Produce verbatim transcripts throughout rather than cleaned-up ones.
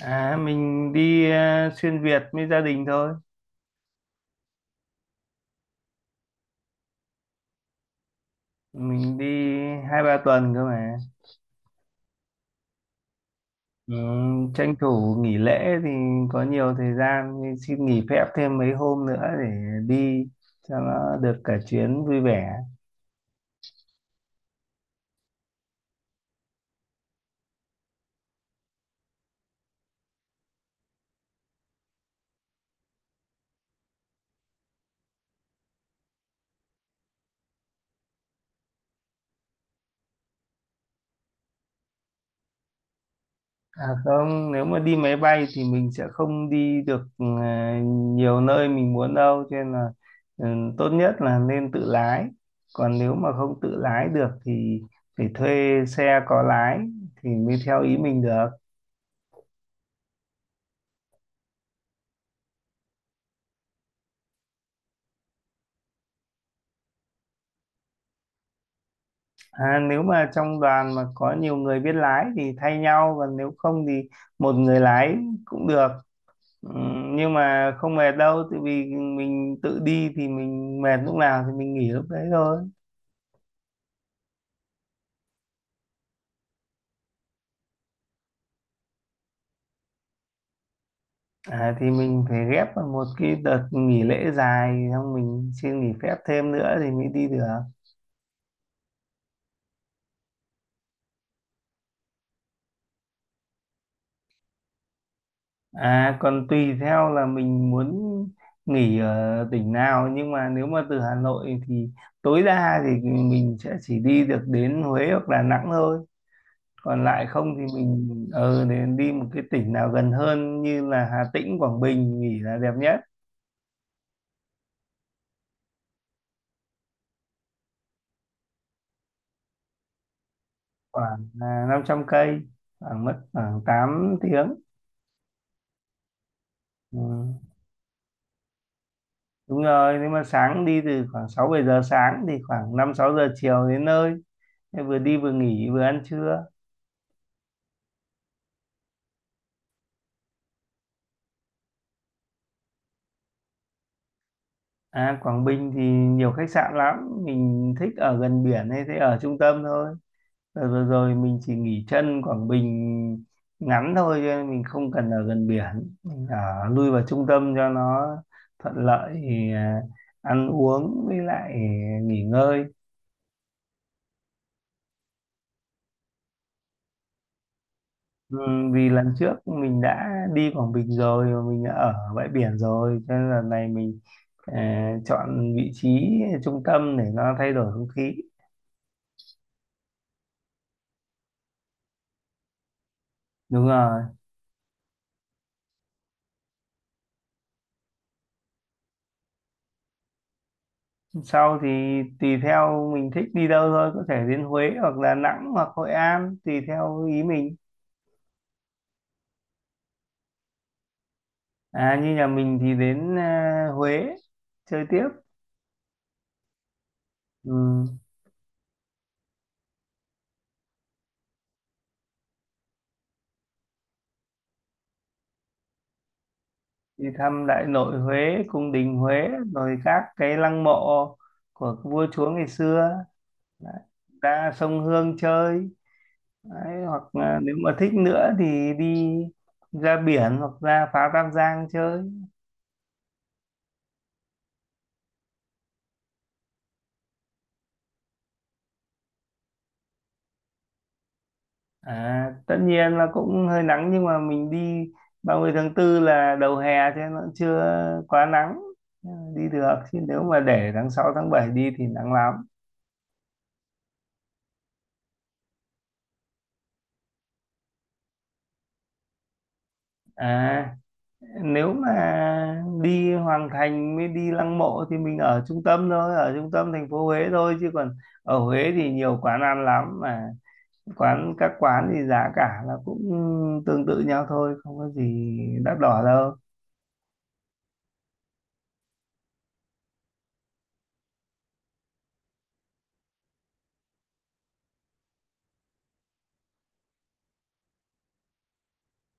À, mình đi ờ, xuyên Việt với gia đình thôi. Mình đi hai ba tuần cơ mà. Ừ, tranh thủ nghỉ lễ thì có nhiều thời gian thì xin nghỉ phép thêm mấy hôm nữa để đi cho nó được cả chuyến vui vẻ. À không, nếu mà đi máy bay thì mình sẽ không đi được ờ, nhiều nơi mình muốn đâu, cho nên là ừ, tốt nhất là nên tự lái. Còn nếu mà không tự lái được thì phải thuê xe có lái thì mới theo ý mình được. À, nếu mà trong đoàn mà có nhiều người biết lái thì thay nhau, còn nếu không thì một người lái cũng được, ừ, nhưng mà không mệt đâu tại vì mình tự đi thì mình mệt lúc nào thì mình nghỉ lúc đấy thôi. À, thì mình phải ghép vào một cái đợt nghỉ lễ dài xong mình xin nghỉ phép thêm nữa thì mới đi được. À, còn tùy theo là mình muốn nghỉ ở tỉnh nào, nhưng mà nếu mà từ Hà Nội thì tối đa thì mình sẽ chỉ đi được đến Huế hoặc Đà Nẵng thôi, còn lại không thì mình ờ để đi một cái tỉnh nào gần hơn như là Hà Tĩnh, Quảng Bình nghỉ là đẹp nhất. Khoảng à, năm trăm cây, khoảng mất khoảng tám tiếng. Ừ. Đúng rồi, nếu mà sáng đi từ khoảng sáu bảy giờ sáng thì khoảng năm sáu giờ chiều đến nơi. Thế vừa đi vừa nghỉ vừa ăn trưa. À, Quảng Bình thì nhiều khách sạn lắm, mình thích ở gần biển hay thế ở trung tâm thôi. Đợt vừa rồi mình chỉ nghỉ chân Quảng Bình ngắn thôi, cho nên mình không cần ở gần biển, mình ở lui vào trung tâm cho nó thuận lợi thì, à, ăn uống với lại nghỉ ngơi. Ừ, vì lần trước mình đã đi Quảng Bình rồi mà mình đã ở bãi biển rồi, cho nên lần này mình à, chọn vị trí trung tâm để nó thay đổi không khí. Đúng rồi. Sau thì tùy theo mình thích đi đâu thôi, có thể đến Huế hoặc Đà Nẵng hoặc Hội An tùy theo ý mình. À, như nhà mình thì đến à, Huế chơi tiếp. Ừ. Đi thăm Đại Nội Huế, cung đình Huế rồi các cái lăng mộ của vua chúa ngày xưa. Đấy. Ra sông Hương chơi. Đấy, hoặc là nếu mà thích nữa thì đi ra biển hoặc ra phá Tam Giang chơi. À, tất nhiên là cũng hơi nắng nhưng mà mình đi ba mươi tháng tư là đầu hè, cho nên nó chưa quá nắng, đi được, chứ nếu mà để tháng sáu tháng bảy đi thì nắng lắm. À, nếu mà đi Hoàng Thành mới đi Lăng Mộ thì mình ở trung tâm thôi, ở trung tâm thành phố Huế thôi, chứ còn ở Huế thì nhiều quán ăn lắm mà quán các quán thì giá cả là cũng tương tự nhau thôi, không có gì đắt đỏ đâu.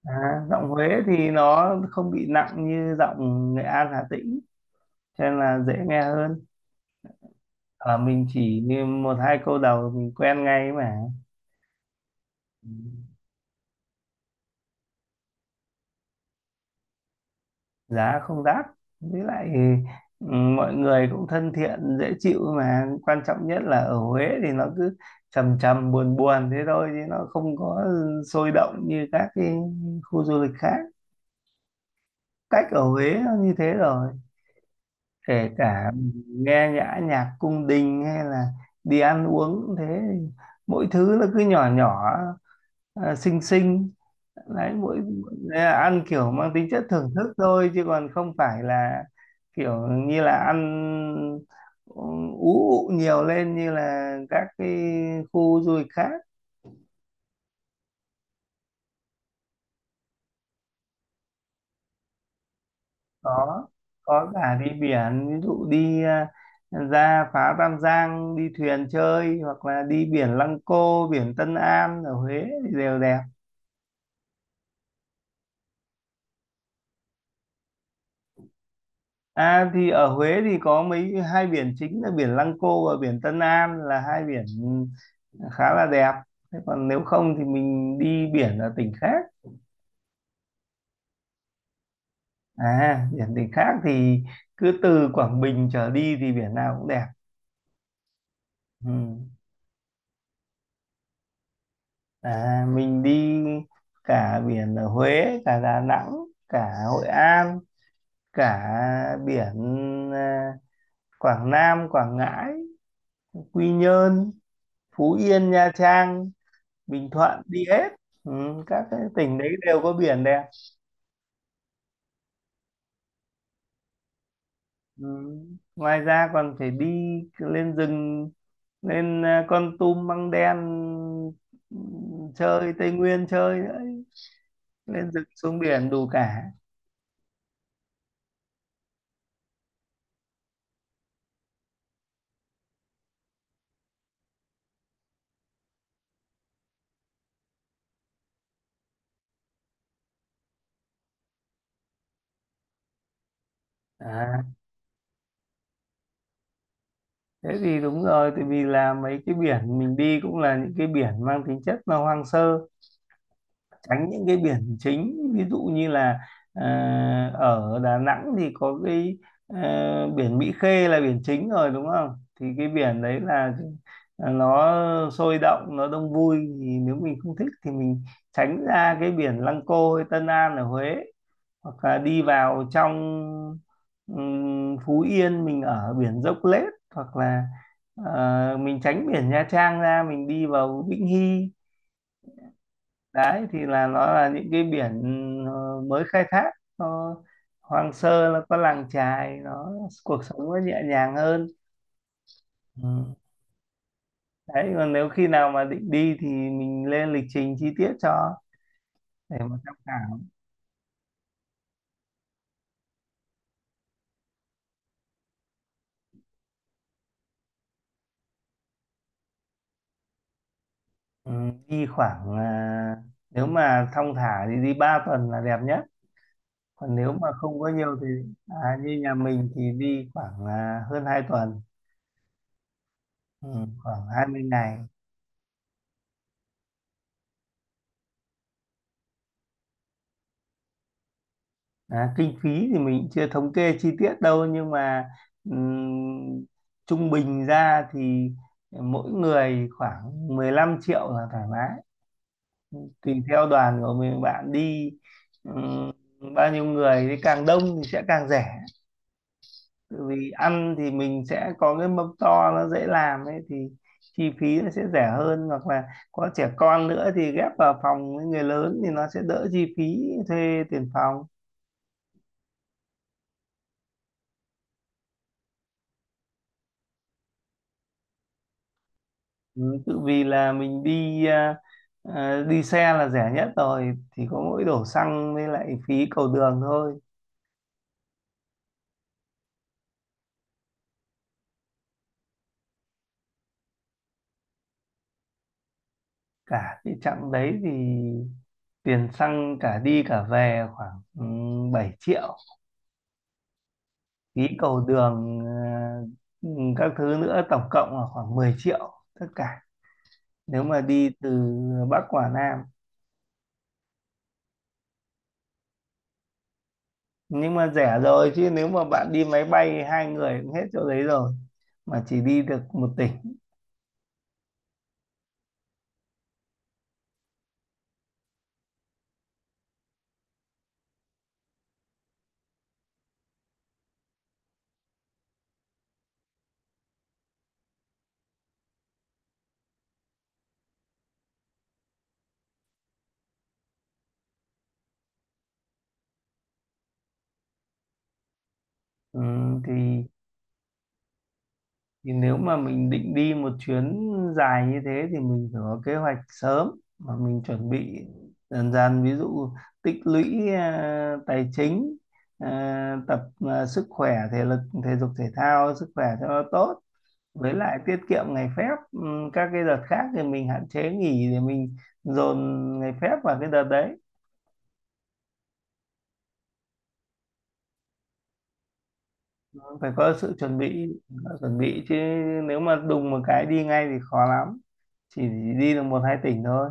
À, giọng Huế thì nó không bị nặng như giọng Nghệ An, Hà Tĩnh, cho nên là dễ nghe hơn. Ở mình chỉ một hai câu đầu mình quen ngay mà. Giá không đắt, với lại ừ, mọi người cũng thân thiện dễ chịu, mà quan trọng nhất là ở Huế thì nó cứ trầm trầm buồn buồn thế thôi, chứ nó không có sôi động như các cái khu du lịch khác. Cách ở Huế nó như thế rồi, kể cả nghe nhã nhạc cung đình hay là đi ăn uống cũng thế, mỗi thứ nó cứ nhỏ nhỏ, à, xinh xinh, đấy, mỗi ăn kiểu mang tính chất thưởng thức thôi chứ còn không phải là kiểu như là ăn ừ, ú ụ nhiều lên như là các cái khu du lịch khác. Có có cả đi biển, ví dụ đi à, ra phá Tam Giang đi thuyền chơi, hoặc là đi biển Lăng Cô, biển Tân An ở Huế thì đều đẹp. À, thì ở Huế thì có mấy hai biển chính là biển Lăng Cô và biển Tân An, là hai biển ừ, khá là đẹp. Thế còn nếu không thì mình đi biển ở tỉnh khác. À, biển tỉnh khác thì cứ từ Quảng Bình trở đi thì biển nào cũng đẹp. Ừ. À, mình đi cả biển ở Huế, cả Đà Nẵng, cả Hội An, cả biển à, Quảng Nam, Quảng Ngãi, Quy Nhơn, Phú Yên, Nha Trang, Bình Thuận đi hết. Ừ, các cái tỉnh đấy đều có biển đẹp. Ừ. Ngoài ra còn phải đi lên rừng, lên à, Kon Tum, Măng Đen, ừ, chơi Tây Nguyên chơi nữa. Lên rừng xuống biển đủ cả. À, thế thì đúng rồi tại vì là mấy cái biển mình đi cũng là những cái biển mang tính chất là hoang sơ, tránh những cái biển chính, ví dụ như là ờ, ở Đà Nẵng thì có cái ờ, biển Mỹ Khê là biển chính rồi đúng không, thì cái biển đấy là ờ, nó sôi động, nó đông vui, thì nếu mình không thích thì mình tránh ra cái biển Lăng Cô hay Tân An ở Huế, hoặc là đi vào trong ừm, Phú Yên mình ở biển Dốc Lết, hoặc là ờ, mình tránh biển Nha Trang ra, mình đi vào Vĩnh Hy. Đấy, thì là nó là những cái biển ờ, mới khai thác, nó hoang sơ, nó có làng chài, nó cuộc sống nó nhẹ nhàng hơn. Ừ. Đấy, còn nếu khi nào mà định đi thì mình lên lịch trình chi tiết cho để mà tham khảo. Ừ, đi khoảng à, nếu mà thong thả thì đi ba tuần là đẹp nhất, còn nếu mà không có nhiều thì à, như nhà mình thì đi khoảng à, hơn hai tuần. Ừ. Khoảng hai mươi ngày. À, kinh phí thì mình chưa thống kê chi tiết đâu, nhưng mà ừm, trung bình ra thì mỗi người khoảng mười lăm triệu là thoải mái, tùy theo đoàn của mình bạn đi ừm, bao nhiêu người, thì càng đông thì sẽ càng rẻ. Tại vì ăn thì mình sẽ có cái mâm to nó dễ làm ấy thì chi phí nó sẽ rẻ hơn, hoặc là có trẻ con nữa thì ghép vào phòng với người lớn thì nó sẽ đỡ chi phí thuê tiền phòng. Ừ, tự vì là mình đi à, à, đi xe là rẻ nhất rồi thì có mỗi đổ xăng với lại phí cầu đường thôi. Cả cái chặng đấy thì tiền xăng cả đi cả về khoảng ừ, bảy triệu, phí cầu đường à, ừ, các thứ nữa tổng cộng là khoảng mười triệu tất cả, nếu mà đi từ Bắc qua Nam. Nhưng mà rẻ rồi chứ nếu mà bạn đi máy bay hai người cũng hết chỗ đấy rồi, mà chỉ đi được một tỉnh. Ừ, thì thì nếu mà mình định đi một chuyến dài như thế thì mình phải có kế hoạch sớm, mà mình chuẩn bị dần dần, ví dụ tích lũy à, tài chính, à, tập à, sức khỏe thể lực, thể dục thể thao sức khỏe cho nó tốt, với lại tiết kiệm ngày phép. Ừm, các cái đợt khác thì mình hạn chế nghỉ để mình dồn ngày phép vào cái đợt đấy. Phải có sự chuẩn bị, phải chuẩn bị chứ, nếu mà đùng một cái đi ngay thì khó lắm, chỉ đi được một hai tỉnh thôi.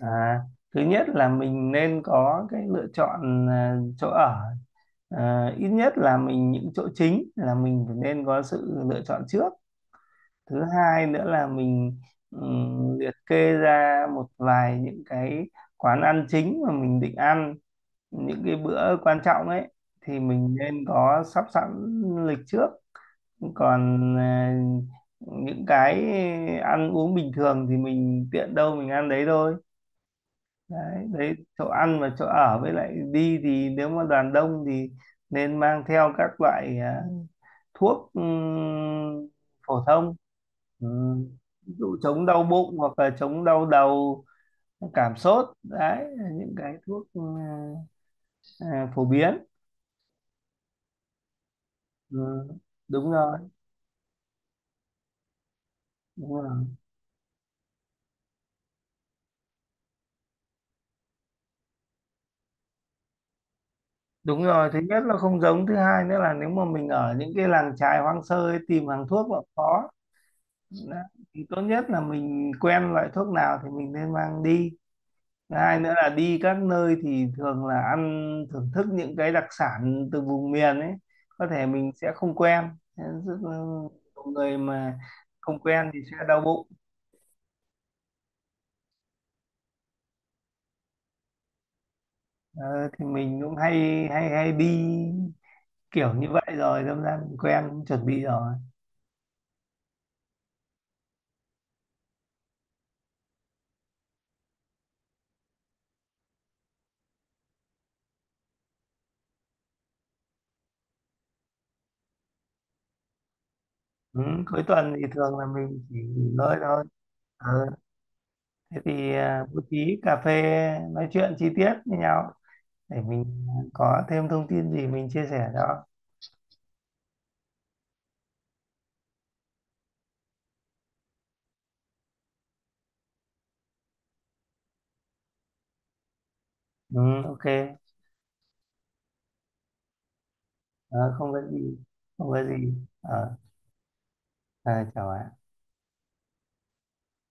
À, thứ nhất là mình nên có cái lựa chọn à, chỗ ở, à, ít nhất là mình những chỗ chính là mình phải nên có sự lựa chọn trước. Thứ hai nữa là mình ừm, liệt kê ra một vài những cái quán ăn chính mà mình định ăn những cái bữa quan trọng ấy thì mình nên có sắp sẵn lịch trước. Còn à, những cái ăn uống bình thường thì mình tiện đâu mình ăn đấy thôi. Đấy, đấy chỗ ăn và chỗ ở, với lại đi thì nếu mà đoàn đông thì nên mang theo các loại à, thuốc ừm, phổ thông. Ừ. Ví dụ chống đau bụng hoặc là chống đau đầu, cảm sốt, đấy là những cái thuốc ừ, à, phổ biến. Ừ. Đúng rồi, đúng rồi, đúng rồi. Thứ nhất là không giống, thứ hai nữa là nếu mà mình ở những cái làng chài hoang sơ ấy, tìm hàng thuốc là khó. Đấy, thì tốt nhất là mình quen loại thuốc nào thì mình nên mang đi. Thứ hai nữa là đi các nơi thì thường là ăn thưởng thức những cái đặc sản từ vùng miền ấy, có thể mình sẽ không quen. Thế rất là nhiều người mà không quen thì sẽ đau bụng. Ờ, thì mình cũng hay hay hay đi kiểu như vậy rồi đâm ra mình quen cũng chuẩn bị rồi. Ừ, cuối tuần thì thường là mình chỉ nghỉ ngơi thôi. Ờ, thế thì à, bố trí cà phê nói chuyện chi tiết với nhau để mình có thêm thông tin gì mình chia sẻ cho. Ừ, ok. Ờ, không có gì, không có gì. ờ À, chào bạn.